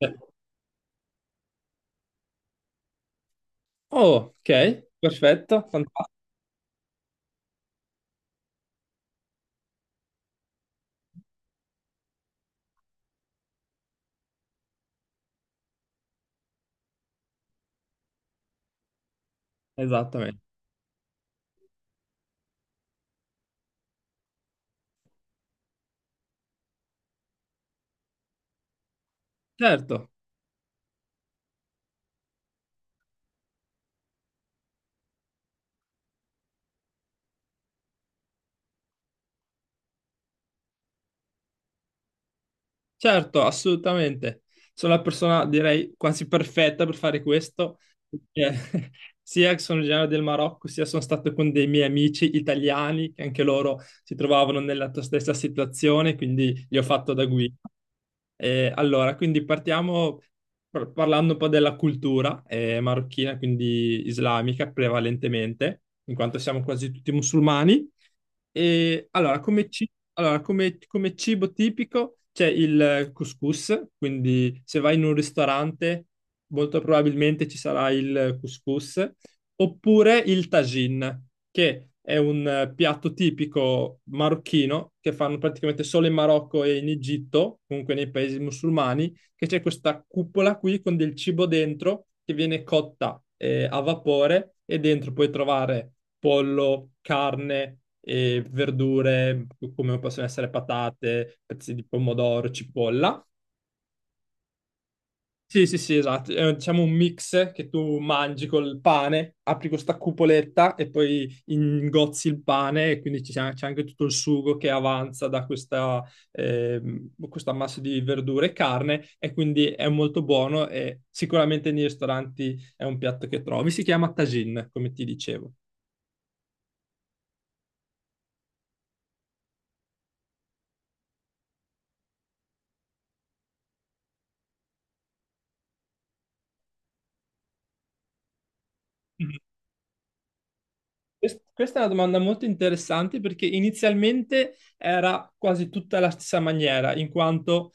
Eh, Oh, ok, perfetto, fantastico, esattamente. Certo, certo, assolutamente. Sono la persona, direi, quasi perfetta per fare questo, perché sia che sono originario del Marocco, sia sono stato con dei miei amici italiani, che anche loro si trovavano nella tua stessa situazione, quindi li ho fatto da guida. Allora, quindi partiamo parlando un po' della cultura marocchina, quindi islamica prevalentemente, in quanto siamo quasi tutti musulmani. E allora, come, ci- allora, come- come cibo tipico c'è il couscous, quindi se vai in un ristorante molto probabilmente ci sarà il couscous, oppure il tagine che è un piatto tipico marocchino che fanno praticamente solo in Marocco e in Egitto, comunque nei paesi musulmani, che c'è questa cupola qui con del cibo dentro che viene cotta a vapore e dentro puoi trovare pollo, carne e verdure come possono essere patate, pezzi di pomodoro, cipolla. Sì, sì, sì, esatto. È, diciamo, un mix che tu mangi col pane, apri questa cupoletta e poi ingozzi il pane e quindi c'è anche tutto il sugo che avanza da questa, questa massa di verdure e carne, e quindi è molto buono e sicuramente nei ristoranti è un piatto che trovi. Si chiama tagine, come ti dicevo. Mhm. Questa è una domanda molto interessante perché inizialmente era quasi tutta la stessa maniera, in quanto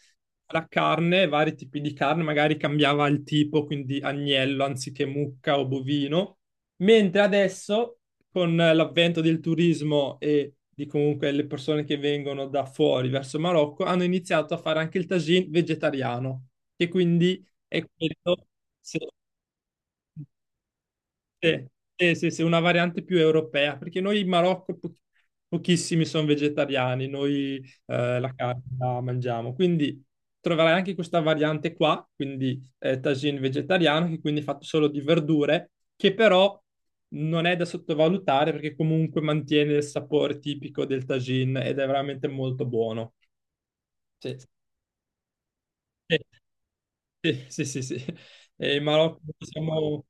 la carne, vari tipi di carne, magari cambiava il tipo, quindi agnello anziché mucca o bovino, mentre adesso, con l'avvento del turismo e di comunque le persone che vengono da fuori verso il Marocco, hanno iniziato a fare anche il tagine vegetariano, che quindi è quello, sì, sì, sì, sì, sì, una variante più europea, perché noi in Marocco pochissimi sono vegetariani, noi la carne la mangiamo, quindi troverai anche questa variante qua, quindi tagine vegetariano, che quindi è fatto solo di verdure, che però non è da sottovalutare perché comunque mantiene il sapore tipico del tagine ed è veramente molto buono. Sì, sì. Sì, sì, sì, sì. E in Marocco siamo,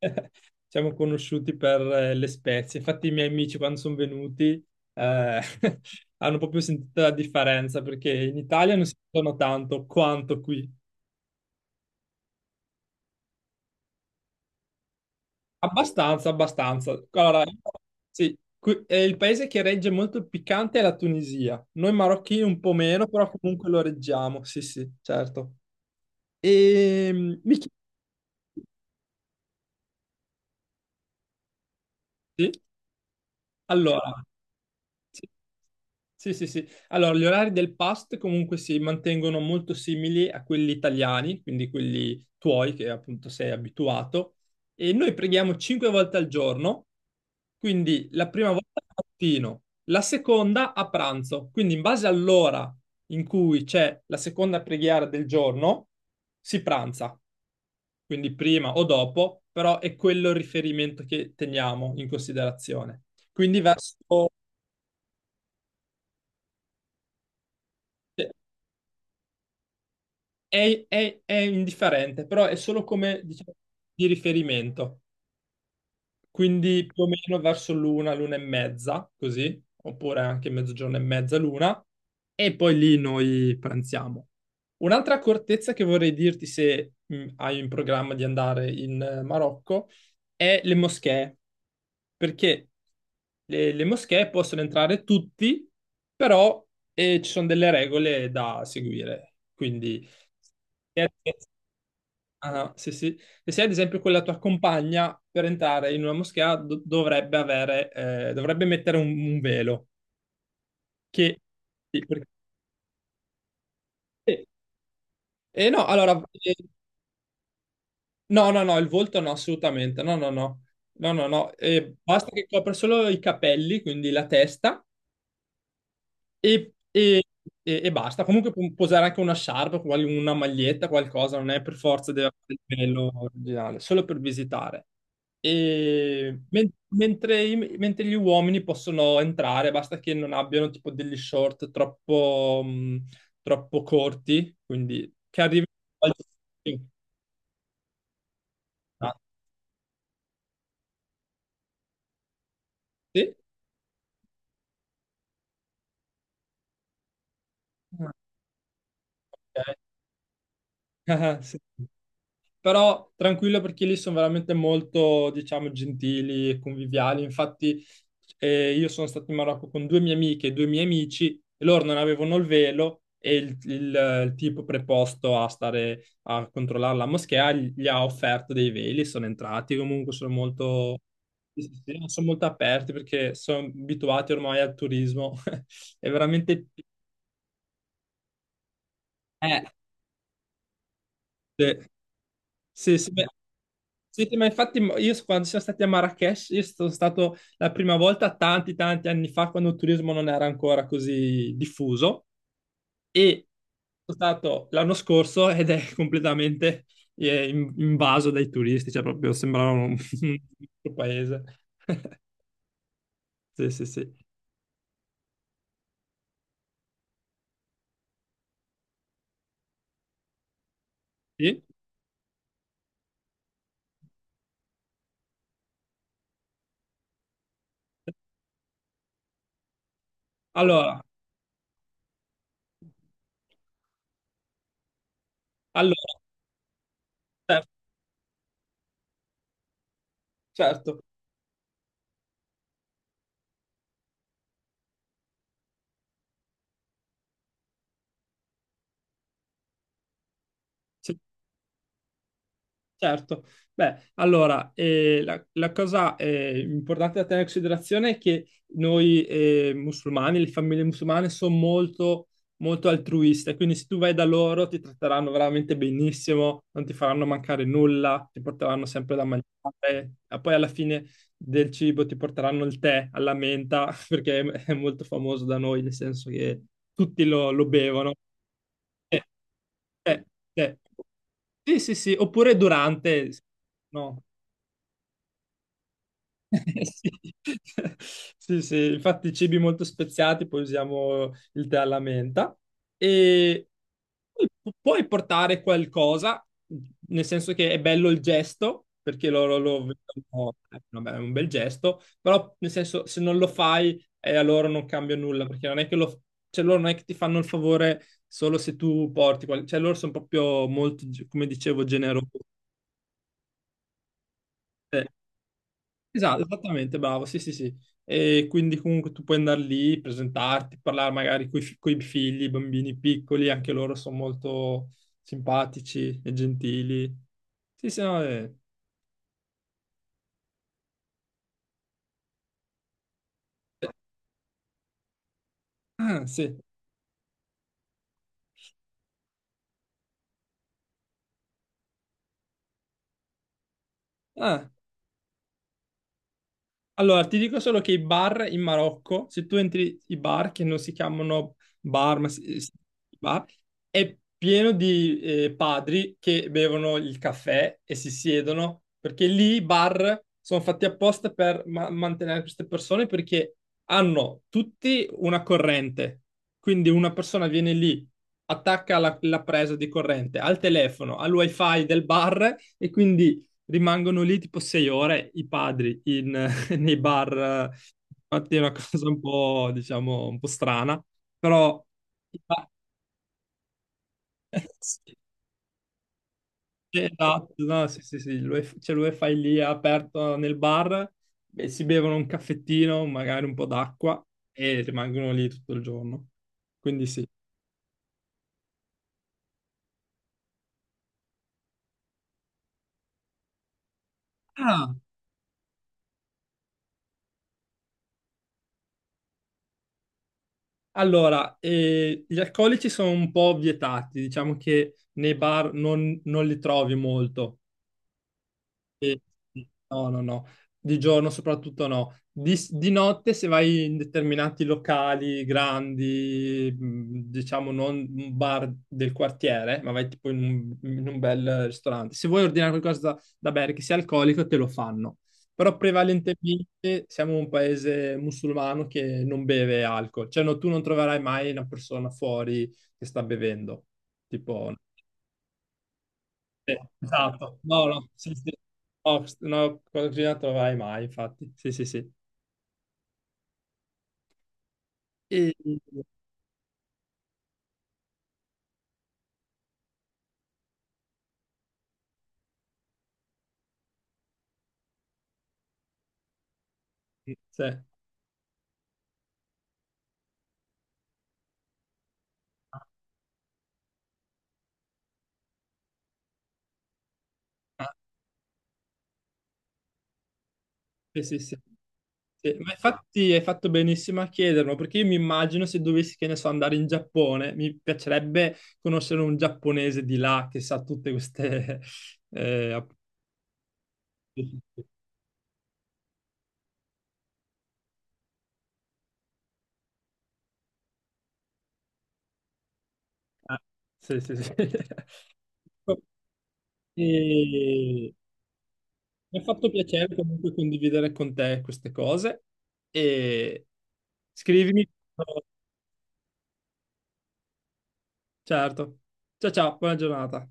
siamo conosciuti per le spezie. Infatti, i miei amici, quando sono venuti, eh, hanno proprio sentito la differenza perché in Italia non si sentono tanto quanto qui. Abbastanza, abbastanza. Allora, sì, il paese che regge molto il piccante è la Tunisia. Noi marocchini un po' meno, però comunque lo reggiamo. Sì, sì, certo. E mi chiedi, allora. Sì. Sì, sì, sì. Allora, gli orari del PAST comunque si mantengono molto simili a quelli italiani, quindi quelli tuoi che appunto sei abituato. E noi preghiamo 5 volte al giorno, quindi la prima volta al mattino, la seconda a pranzo. Quindi in base all'ora in cui c'è la seconda preghiera del giorno, si pranza, quindi prima o dopo, però è quello il riferimento che teniamo in considerazione. Quindi verso, sì, è indifferente, però è solo, come diciamo, di riferimento, quindi più o meno verso l'una, l'una e mezza, così, oppure anche mezzogiorno e mezza, l'una, e poi lì noi pranziamo. Un'altra accortezza che vorrei dirti se hai in programma di andare in Marocco è le moschee, perché le moschee possono entrare tutti, però ci sono delle regole da seguire, quindi... Ah, no, sì, sì. E se ad esempio quella tua compagna, per entrare in una moschea, dovrebbe mettere un velo, che... Sì, eh, no, allora, no, no, no, il volto no, assolutamente, no, no, no, no, no, no, basta che copra solo i capelli, quindi la testa. E, e- e basta. Comunque può usare anche una sciarpa, una maglietta, qualcosa, non è per forza deve avere il livello originale, solo per visitare. E mentre gli uomini possono entrare, basta che non abbiano tipo degli short troppo, troppo corti, quindi che arrivino al... Ah, sì. Ah, ok. Sì. Però tranquillo perché lì sono veramente molto, diciamo, gentili e conviviali. Infatti, io sono stato in Marocco con due mie amiche e due miei amici e loro non avevano il velo, e il tipo preposto a stare a controllare la moschea gli ha offerto dei veli, sono entrati, comunque sono molto, sì, sì, sì, sono molto aperti perché sono abituati ormai al turismo. È veramente... Eh, sì, sì, sì, beh, sì, sì, ma infatti quando siamo stati a Marrakesh, io sono stato la prima volta tanti tanti anni fa, quando il turismo non era ancora così diffuso, e sono stato l'anno scorso ed è completamente invaso dai turisti, cioè proprio sembrava un, un altro paese. Sì, sì, sì. Sì? Allora, allora, certo, certo. Sì, certo, beh, allora, la, cosa importante da tenere in considerazione è che noi, musulmani, le famiglie musulmane, sono molto, molto altruiste, quindi se tu vai da loro ti tratteranno veramente benissimo, non ti faranno mancare nulla, ti porteranno sempre da mangiare, e poi alla fine del cibo ti porteranno il tè alla menta, perché è molto famoso da noi, nel senso che tutti lo bevono. Cioè, cioè, sì, sì, sì, oppure durante, no, sì. Sì, sì, infatti cibi molto speziati, poi usiamo il tè alla menta, e poi puoi portare qualcosa, nel senso che è bello il gesto, perché loro lo vedono, vabbè, è un bel gesto, però nel senso se non lo fai a loro non cambia nulla, perché non è che lo, cioè, loro non è che ti fanno il favore solo se tu porti, qual- cioè loro sono proprio molto, come dicevo, generosi. Esatto, esattamente, bravo, sì, sì, sì. E quindi comunque tu puoi andare lì, presentarti, parlare magari con i figli, i bambini piccoli, anche loro sono molto simpatici e gentili. Sì, sì, no, eh. Ah, sì. Ah. Allora, ti dico solo che i bar in Marocco, se tu entri i bar che non si chiamano bar, ma bar, è pieno di padri che bevono il caffè e si siedono, perché lì i bar sono fatti apposta per mantenere queste persone perché hanno tutti una corrente. Quindi una persona viene lì, attacca la presa di corrente al telefono, al wifi del bar, e quindi rimangono lì tipo 6 ore i padri in nei bar. Infatti è una cosa un po', diciamo, un po' strana, però i bar- sì, esatto, no, sì, sì, sì, l'UEF c'è l'UEFI lì aperto nel bar, e si bevono un caffettino, magari un po' d'acqua, e rimangono lì tutto il giorno. Quindi sì. Ah, allora, gli alcolici sono un po' vietati, diciamo che nei bar non li trovi molto. Sì, sì. No, no, no, di giorno soprattutto no. Di notte, se vai in determinati locali grandi, diciamo non un bar del quartiere, ma vai tipo in un, bel ristorante. Se vuoi ordinare qualcosa da bere che sia alcolico, te lo fanno. Però prevalentemente siamo un paese musulmano che non beve alcol, cioè no, tu non troverai mai una persona fuori che sta bevendo, tipo. Sì, esatto. No, no, sì, sì. No, no, con Gina non troverai mai, infatti. Sì, sì, sì. E- sì. Ah, sì, sì, sì. Sì, ma infatti hai fatto benissimo a chiederlo, perché io mi immagino, se dovessi, che ne so, andare in Giappone, mi piacerebbe conoscere un giapponese di là che sa tutte queste... eh, app- sì, sì, sì. Ah, sì, sì, sì. E... Mi ha fatto piacere comunque condividere con te queste cose. E scrivimi, certo. Ciao, ciao, buona giornata.